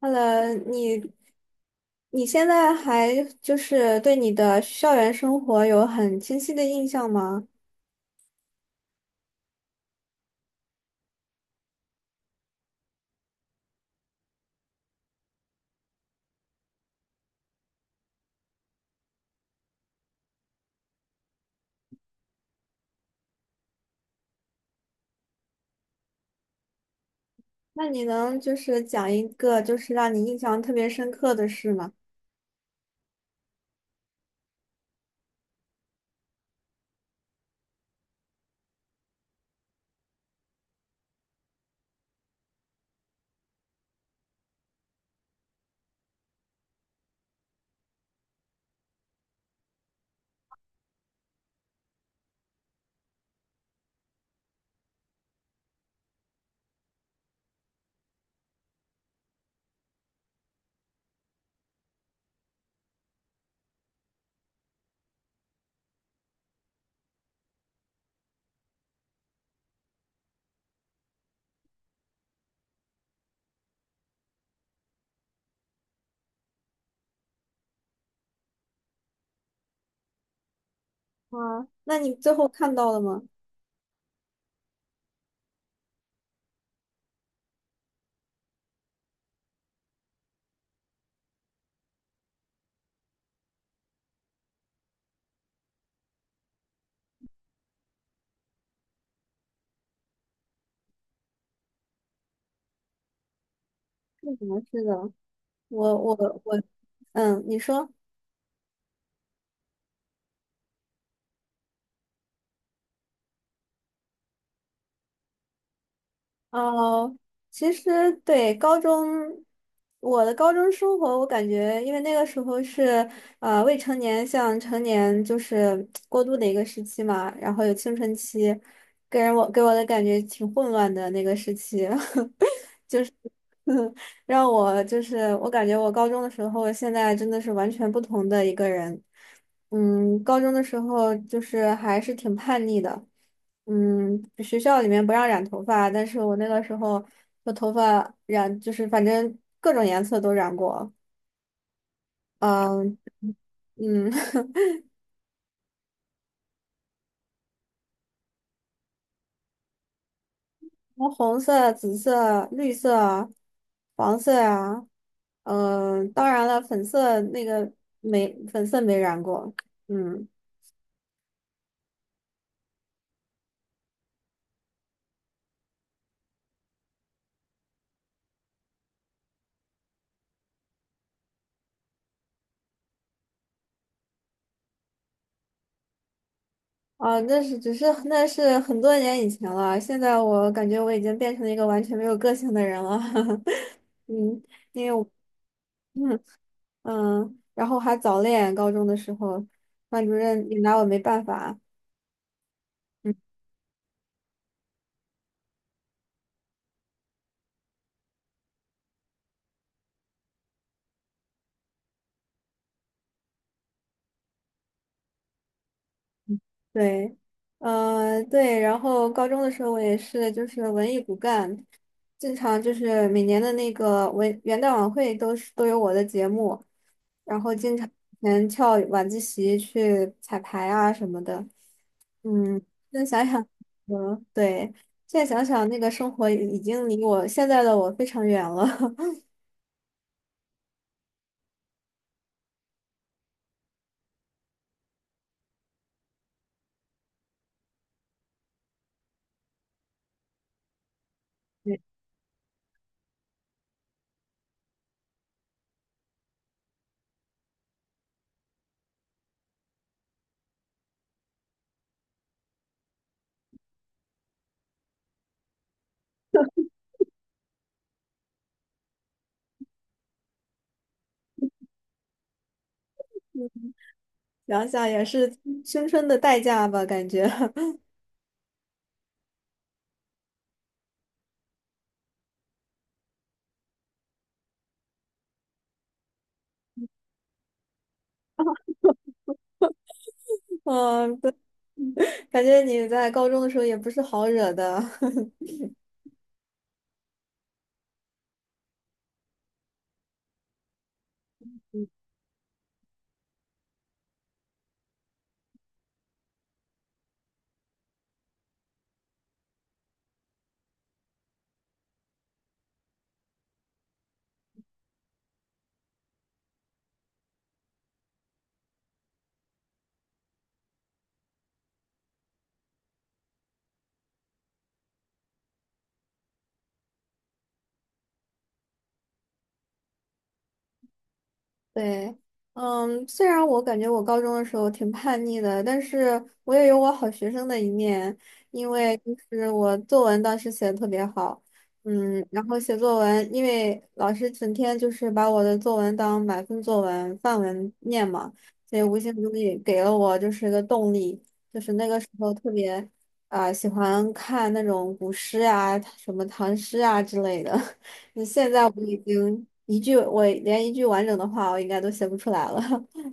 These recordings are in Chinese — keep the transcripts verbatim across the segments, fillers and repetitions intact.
h e 你。你现在还就是对你的校园生活有很清晰的印象吗？那你能就是讲一个就是让你印象特别深刻的事吗？啊，那你最后看到了吗？是什么事的？我我我，嗯，你说。哦，其实对高中，我的高中生活，我感觉因为那个时候是呃未成年向成年就是过渡的一个时期嘛，然后有青春期，给人我给我的感觉挺混乱的那个时期。让我就是我感觉我高中的时候，现在真的是完全不同的一个人。嗯，高中的时候就是还是挺叛逆的。嗯，学校里面不让染头发，但是我那个时候我头发染就是反正各种颜色都染过。嗯嗯，红色、紫色、绿色啊、黄色啊，嗯，当然了，粉色那个没粉色没染过。嗯。啊，那是只是那是很多年以前了，现在我感觉我已经变成了一个完全没有个性的人了。嗯，因为我嗯嗯，然后还早恋，高中的时候，班主任也拿我没办法。嗯，对，嗯对，然后高中的时候我也是就是文艺骨干，经常就是每年的那个文元旦晚会都是都有我的节目，然后经常以前翘晚自习去彩排啊什么的。嗯，现在想想，嗯，对，现在想想那个生活已经离我现在的我非常远了，想想也是青春的代价吧，感觉，嗯，对，感觉你在高中的时候也不是好惹的，对，嗯，虽然我感觉我高中的时候挺叛逆的，但是我也有我好学生的一面，因为就是我作文当时写的特别好，嗯，然后写作文，因为老师整天就是把我的作文当满分作文、范文念嘛，所以无形中也给了我就是个动力，就是那个时候特别啊、喜欢看那种古诗啊、什么唐诗啊之类的。你现在我已经一句，我连一句完整的话，我应该都写不出来了。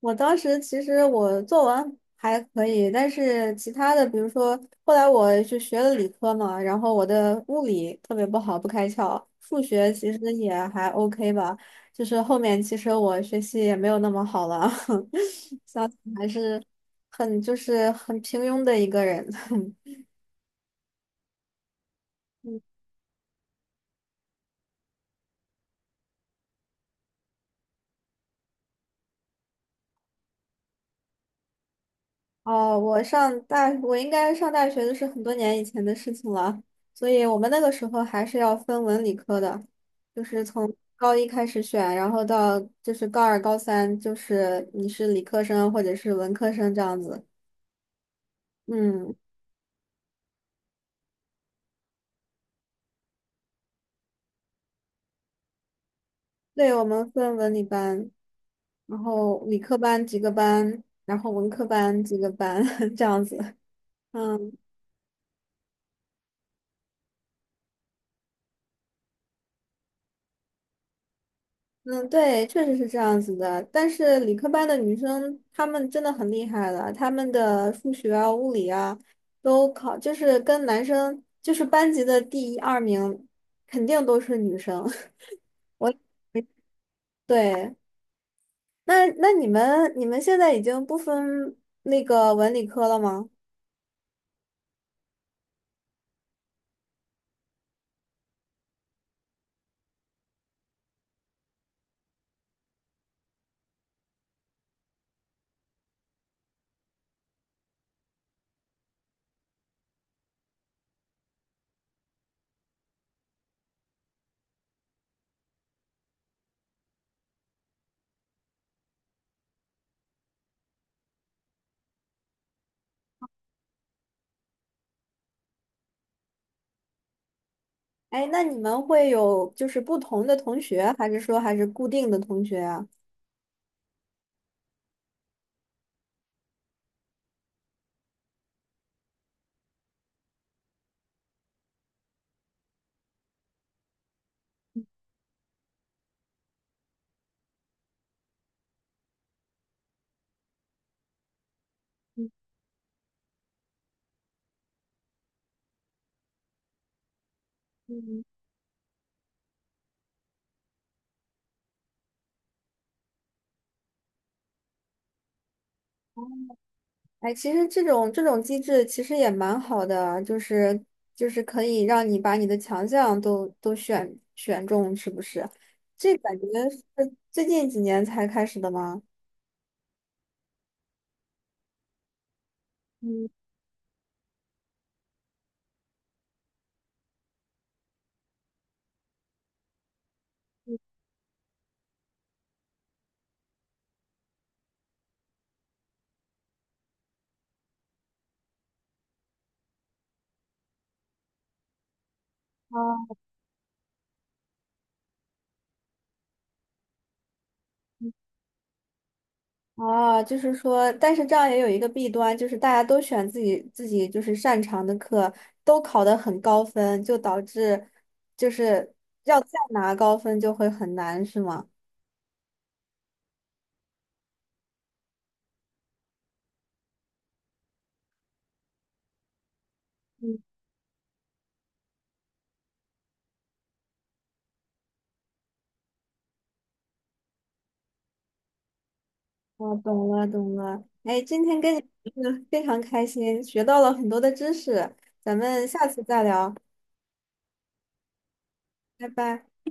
我当时其实我作文还可以，但是其他的，比如说后来我就学了理科嘛，然后我的物理特别不好，不开窍，数学其实也还 OK 吧，就是后面其实我学习也没有那么好了，想想还是很就是很平庸的一个人。哦，我上大，我应该上大学的是很多年以前的事情了，所以我们那个时候还是要分文理科的，就是从高一开始选，然后到就是高二、高三，就是你是理科生或者是文科生这样子。嗯，对，我们分文理班，然后理科班几个班，然后文科班几个班 这样子。嗯。嗯，对，确实是这样子的。但是理科班的女生，她们真的很厉害了，她们的数学啊、物理啊，都考，就是跟男生，就是班级的第一二名，肯定都是女生。我，对，那那你们你们现在已经不分那个文理科了吗？哎，那你们会有就是不同的同学，还是说还是固定的同学啊？嗯。哎，其实这种这种机制其实也蛮好的啊，就是就是可以让你把你的强项都都选选中，是不是？这感觉是最近几年才开始的吗？嗯，啊，就是说，但是这样也有一个弊端，就是大家都选自己自己就是擅长的课，都考得很高分，就导致就是要再拿高分就会很难，是吗？嗯。我懂了，懂了。哎，今天跟你聊得非常开心，学到了很多的知识，咱们下次再聊，拜拜。